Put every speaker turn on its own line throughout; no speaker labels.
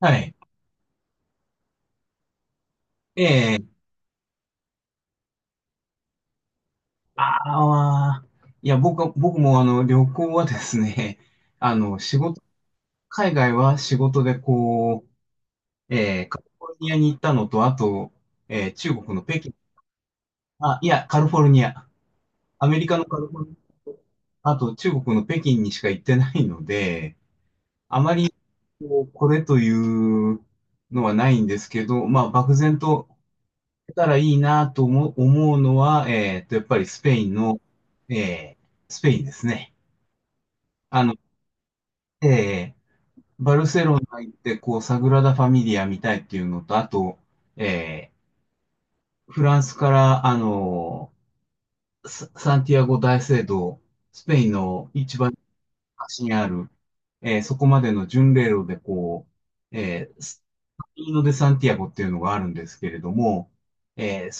はい。ええ、ああ、いや、僕は、あの、旅行はですね、あの、仕事、海外は仕事でカリフォルニアに行ったのと、あと、中国の北京、あ、いや、カリフォルニア、アメリカのカリフォルニアと、あと中国の北京にしか行ってないので、あまりこう、これというのはないんですけど、まあ、漠然とたらいいなと思うのは、やっぱりスペインの、えースペインですね。あの、えーバルセロナ行って、こう、サグラダ・ファミリア見たいっていうのと、あと、えフランスから、あのサンティアゴ大聖堂、スペインの一番端にある、そこまでの巡礼路で、う、えー、スカミーノ・デ・サンティアゴっていうのがあるんですけれども、えー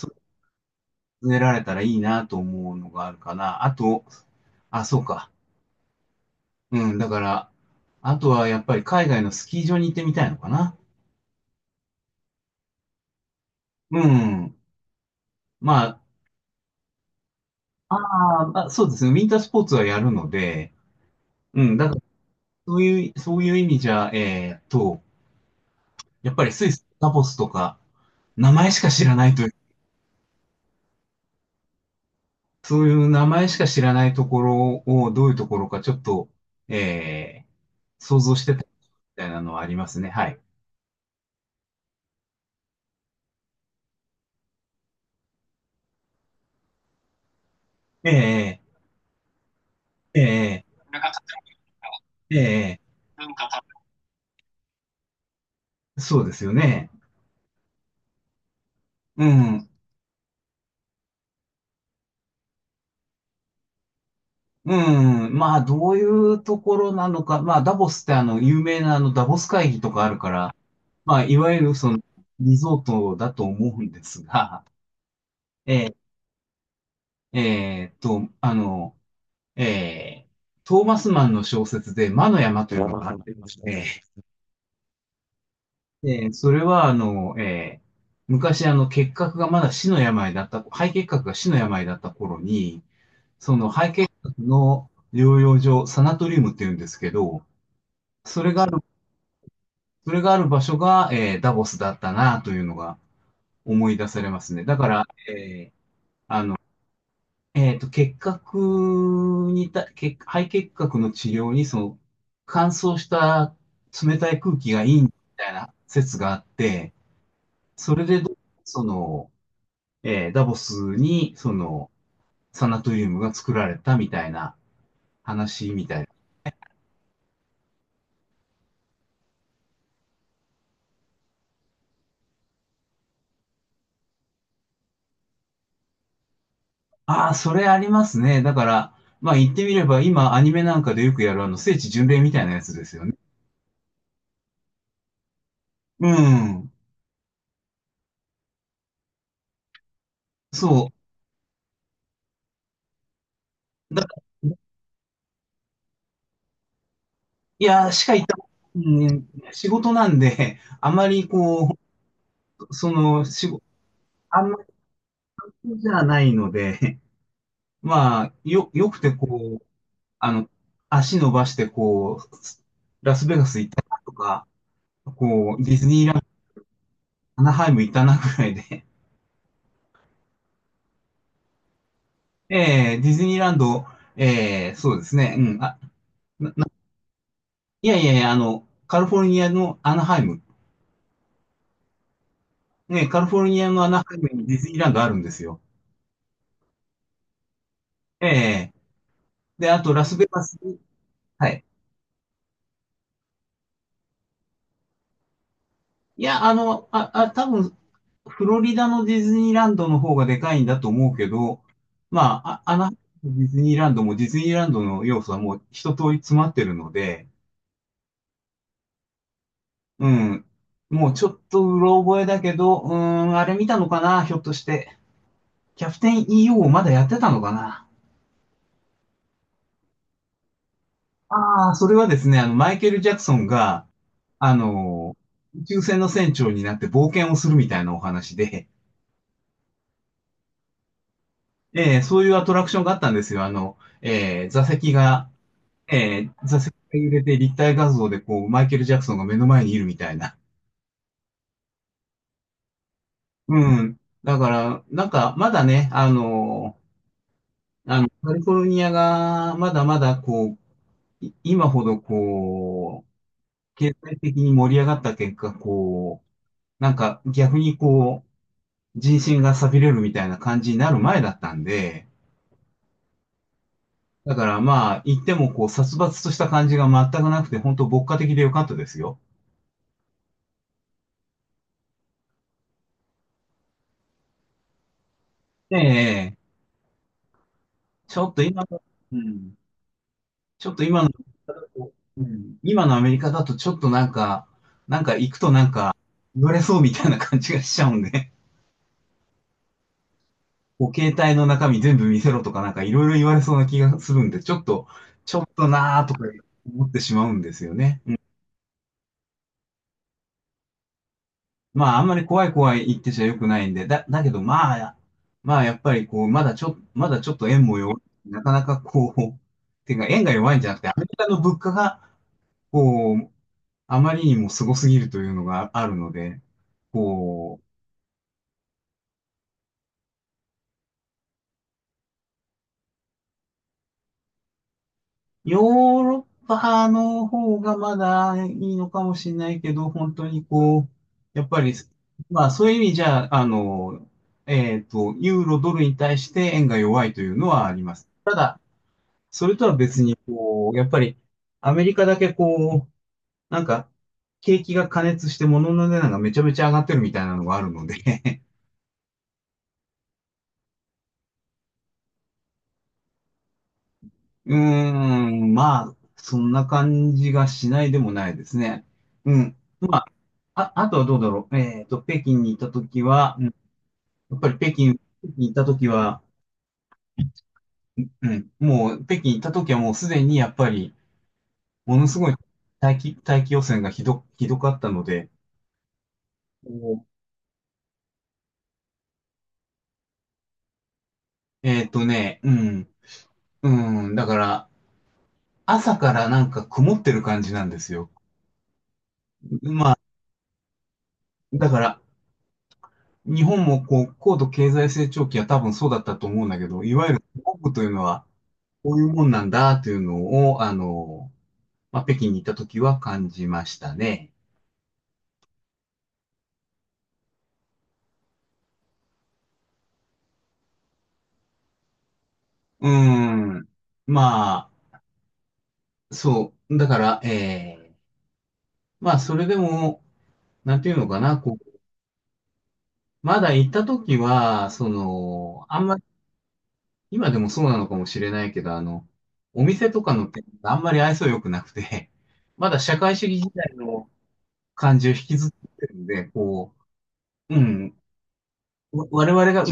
植えられたらいいなと思うのがあるかな。あと、あ、そうか。うん、だから、あとはやっぱり海外のスキー場に行ってみたいのかな。うん。まあ、あーまあ、そうですね。ウィンタースポーツはやるので、うん、だからそういう意味じゃ、やっぱりスイス、ダボスとか、名前しか知らないという、そういう名前しか知らないところをどういうところかちょっと、えー想像してたみたいなのはありますね。はい。ええええええ、そうですよね。うん。うん。まあ、どういうところなのか。まあ、ダボスってあの、有名なあの、ダボス会議とかあるから、まあ、いわゆるその、リゾートだと思うんですが、えあの、えートーマスマンの小説で、魔の山というのがあってまして、それは、あの、昔、あの、結核がまだ死の病だった、肺結核が死の病だった頃に、その肺結核の療養所、サナトリウムって言うんですけど、それがある、それがある場所が、ダボスだったなというのが思い出されますね。だから、結核にた、肺結核の治療に、その、乾燥した冷たい空気がいいみたいな説があって、それでどう、その、ダボスに、その、サナトリウムが作られたみたいな話みたいな。ああ、それありますね。だから、まあ言ってみれば、今アニメなんかでよくやるあの、聖地巡礼みたいなやつですよね。うん。そう。だから、いや、しか言った、うん、仕事なんで、あまりこう、その、仕事、あんまりじゃないので、まあ、よ、よくてこう、あの、足伸ばしてこう、ラスベガス行ったなとか、こう、ディズニーランドアナハイム行ったなぐらいで。ディズニーランド、そうですね。うん。あ、いやいやいや、あの、カリフォルニアのアナハイム。ね、カリフォルニアのアナハイムにディズニーランドあるんですよ。ええで、あとラスベガスに、はい。いや、あの、あ、あ、多分、フロリダのディズニーランドの方がでかいんだと思うけど、まあ、あ、アナハイムとディズニーランドもディズニーランドの要素はもう一通り詰まってるので、うん。もうちょっとうろ覚えだけど、うーん、あれ見たのかな、ひょっとして。キャプテン EO をまだやってたのかな。ああ、それはですね、あの、マイケル・ジャクソンが、あの、宇宙船の船長になって冒険をするみたいなお話で、そういうアトラクションがあったんですよ。あの、えー座席が揺れて立体画像でこう、マイケル・ジャクソンが目の前にいるみたいな。うん。だから、なんか、まだね、あの、カリフォルニアがまだまだ今ほどこう、経済的に盛り上がった結果、こう、なんか逆にこう、人心が錆びれるみたいな感じになる前だったんで、だからまあ、言ってもこう、殺伐とした感じが全くなくて、本当牧歌的でよかったですよ。ええ、ちょっと今の、うん、ちょっと今の、うん、今のアメリカだとちょっとなんか、なんか行くとなんか、言われそうみたいな感じがしちゃうんで。お携帯の中身全部見せろとかなんかいろいろ言われそうな気がするんで、ちょっと、ちょっとなーとか思ってしまうんですよね。うん、まあ、あんまり怖い怖い言ってちゃよくないんで、だ、だけどまあ、まあやっぱりこう、まだちょっと円も弱い、なかなかこう、ていうか円が弱いんじゃなくて、アメリカの物価が、こう、あまりにもすごすぎるというのがあるので、こう、ヨーロッパの方がまだいいのかもしれないけど、本当にこう、やっぱり、まあそういう意味じゃ、あの、ユーロドルに対して円が弱いというのはあります。ただ、それとは別に、こう、やっぱりアメリカだけこう、なんか、景気が過熱して物の値段がめちゃめちゃ上がってるみたいなのがあるので、うーん、まあ、そんな感じがしないでもないですね。うん。まあ、あ、あとはどうだろう。えっと、北京に行ったときは、うん、やっぱり北京、北京に行ったときは、うん、もう、北京行ったときはもうすでにやっぱり、ものすごい大気汚染がひどかったので、おえっとね、うん、うん、だから、朝からなんか曇ってる感じなんですよ。だから、日本もこう、高度経済成長期は多分そうだったと思うんだけど、いわゆる国というのは、こういうもんなんだというのを、あの、まあ、北京に行った時は感じましたね。うーん。まあ、そう。だから、まあ、それでも、なんていうのかな、こう、まだ行った時は、その、あんまり、今でもそうなのかもしれないけど、あの、お店とかの店があんまり愛想良くなくて、まだ社会主義時代の感じを引きずってるんで、こう、うん。わ我々が、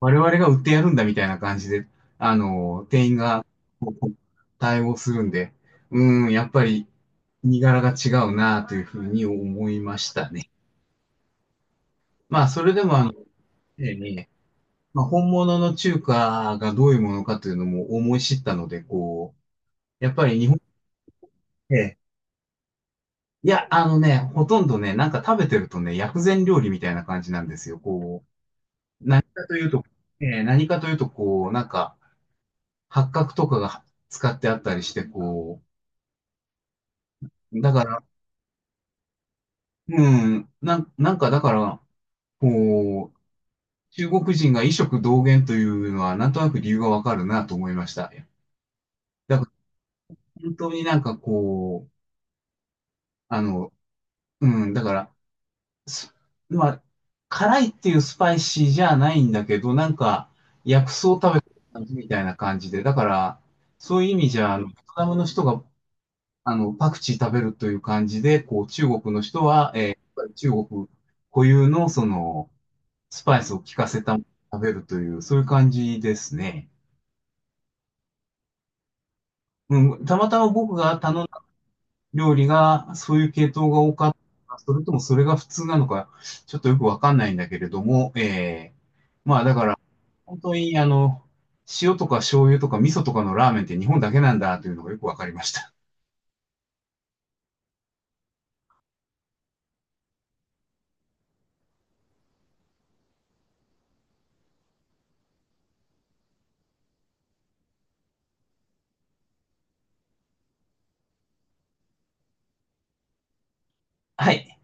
我々が売ってやるんだみたいな感じで、あの、店員がこう対応するんで、うーん、やっぱり身柄が違うなというふうに思いましたね。まあ、それでもあの、ええね、まあ、本物の中華がどういうものかというのも思い知ったので、こう、やっぱり日本で、いや、あのね、ほとんどね、なんか食べてるとね、薬膳料理みたいな感じなんですよ。こう、何かというと、何かというと、こう、なんか、八角とかが使ってあったりして、こう、だから、うん、なんかだから、こう、中国人が異色同源というのは、なんとなく理由がわかるなと思いました。だから、本当になんかこう、あの、うん、だから、すまあ、辛いっていうスパイシーじゃないんだけど、なんか、薬草を食べてるみたいな感じで、だから、そういう意味じゃ、あのベトナムの人があの、パクチー食べるという感じで、こう、中国の人は、やっぱり中国固有の、その、スパイスを効かせたものを食べるという、そういう感じですね。うん、たまたま僕が頼んだ料理が、そういう系統が多かったのか、それともそれが普通なのか、ちょっとよくわかんないんだけれども、まあだから、本当に、あの、塩とか醤油とか味噌とかのラーメンって日本だけなんだというのがよくわかりました。はい。